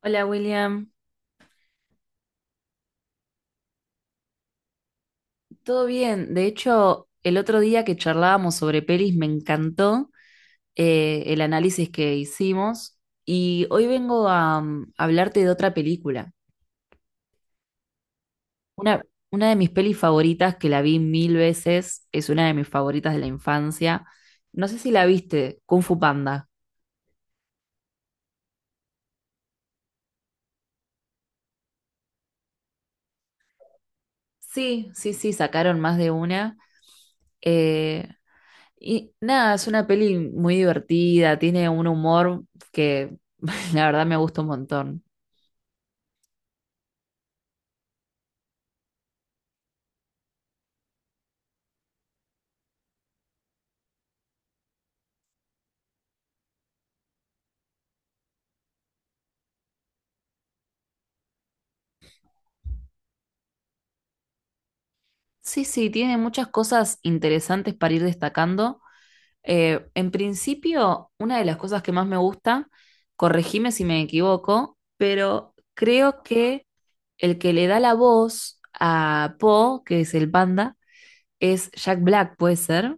Hola William, ¿todo bien? De hecho, el otro día que charlábamos sobre pelis me encantó el análisis que hicimos, y hoy vengo a, mm, hablarte de otra película. Una, una de mis pelis favoritas, que la vi mil veces, es una de mis favoritas de la infancia. No sé si la viste, Kung Fu Panda. Sí, sí, sí, sacaron más de una. Eh, Y nada, es una peli muy divertida, tiene un humor que la verdad me gusta un montón. Sí, sí, tiene muchas cosas interesantes para ir destacando. En principio, una de las cosas que más me gusta, corregime si me equivoco, pero creo que el que le da la voz a Po, que es el panda, es Jack Black, ¿puede ser?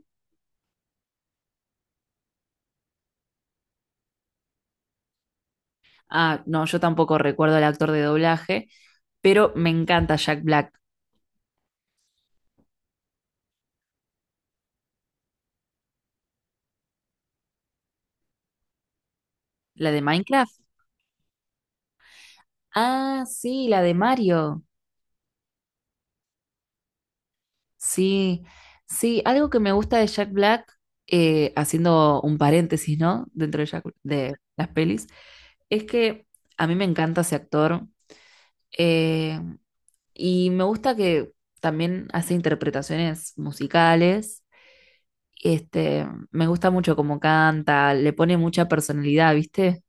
Ah, no, yo tampoco recuerdo al actor de doblaje, pero me encanta Jack Black, la de Minecraft. Ah, sí, la de Mario. Sí, sí, algo que me gusta de Jack Black, haciendo un paréntesis, ¿no? De las pelis, es que a mí me encanta ese actor, eh, y me gusta que también hace interpretaciones musicales. Este, me gusta mucho cómo canta, le pone mucha personalidad, ¿viste?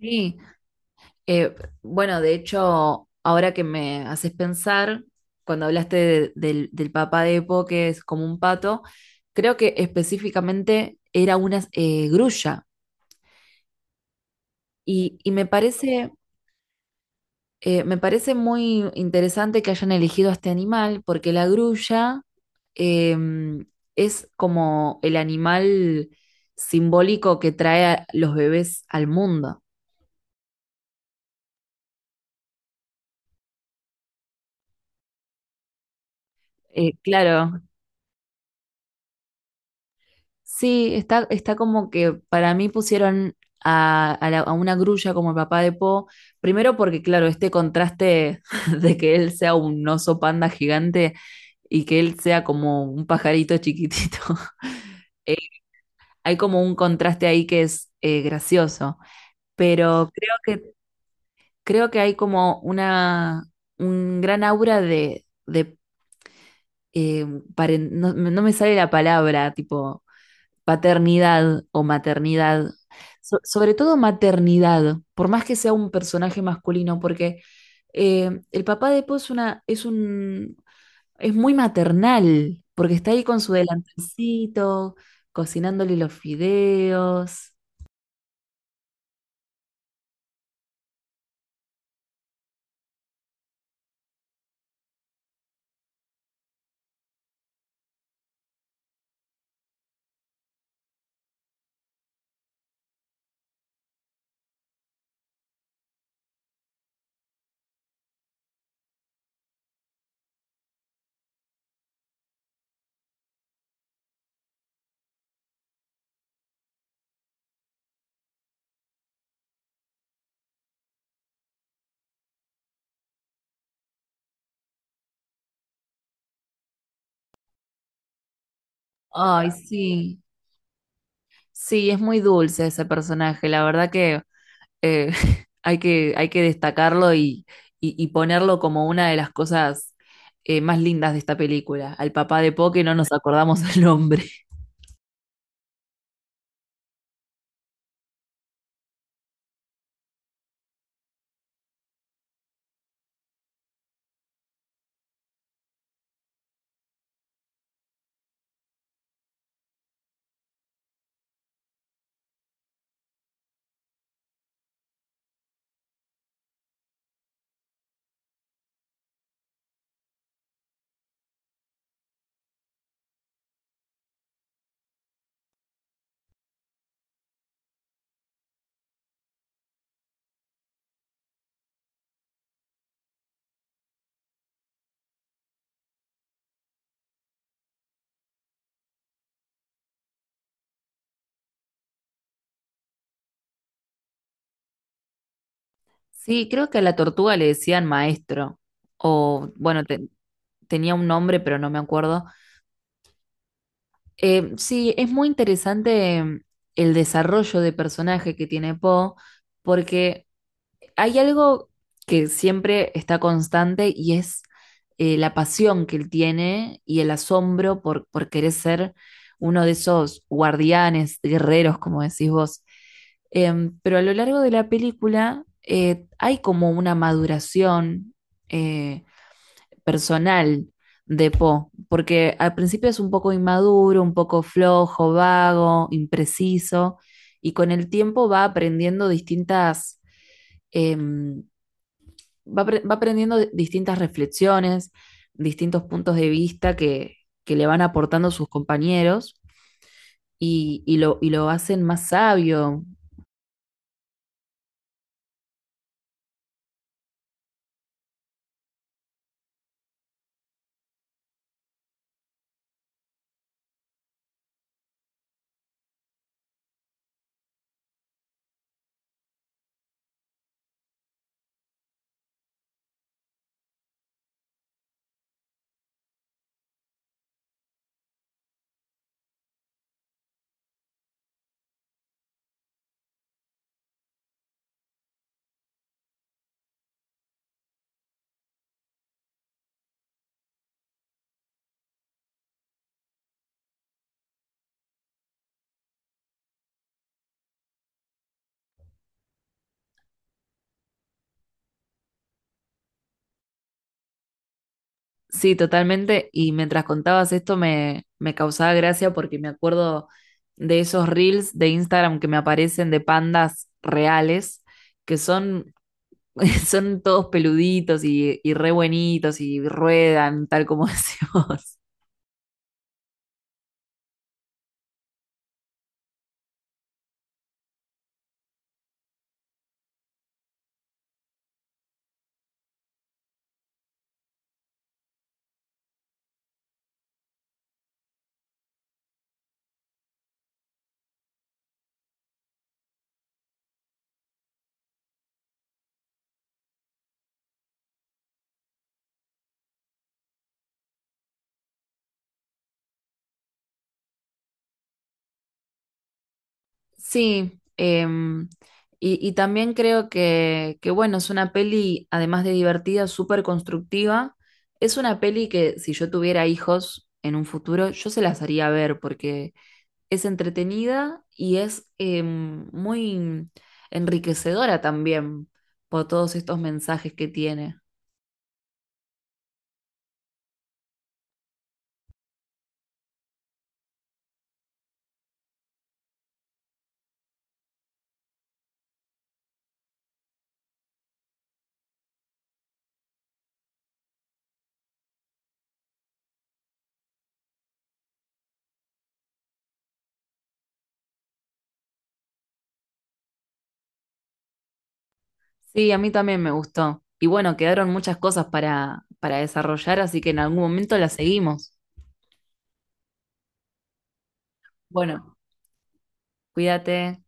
Sí. Eh, bueno, de hecho, ahora que me haces pensar, cuando hablaste del papá de Epo, que es como un pato, creo que específicamente era una grulla. Y me parece muy interesante que hayan elegido a este animal, porque la grulla eh, es como el animal simbólico que trae a los bebés al mundo. Claro. Sí, está como que para mí pusieron a una grulla como el papá de Po, primero porque, claro, este contraste de que él sea un oso panda gigante y que él sea como un pajarito chiquitito, eh, hay como un contraste ahí que es gracioso, pero creo que hay como una, un gran aura de eh, no, no me sale la palabra, tipo paternidad o maternidad, sobre todo maternidad, por más que sea un personaje masculino, porque el papá de Po es una, es un, es muy maternal, porque está ahí con su delantalcito, cocinándole los fideos. Ay, sí. Sí, es muy dulce ese personaje, la verdad que eh, hay que destacarlo y, y ponerlo como una de las cosas más lindas de esta película. Al papá de Po que no nos acordamos el nombre. Sí, creo que a la tortuga le decían maestro, o bueno, tenía un nombre, pero no me acuerdo. Sí, es muy interesante, el desarrollo de personaje que tiene Po, porque hay algo que siempre está constante y es la pasión que él tiene y el asombro por querer ser uno de esos guardianes, guerreros, como decís vos. Pero a lo largo de la película hay como una maduración eh, personal de Poe, porque al principio es un poco inmaduro, un poco flojo, vago, impreciso, y con el tiempo va aprendiendo distintas em, va, va aprendiendo distintas reflexiones, distintos puntos de vista que le van aportando sus compañeros, y, y lo hacen más sabio. Sí, totalmente. Y mientras contabas esto me, me causaba gracia porque me acuerdo de esos reels de Instagram que me aparecen de pandas reales, que son, son todos peluditos y re buenitos y ruedan, tal como decís vos. Sí, y también creo que, bueno, es una peli, además de divertida, súper constructiva. Es una peli que si yo tuviera hijos en un futuro, yo se las haría ver porque es entretenida y es muy enriquecedora también por todos estos mensajes que tiene. Sí, a mí también me gustó. Y bueno, quedaron muchas cosas para desarrollar, así que en algún momento las seguimos. Bueno, cuídate.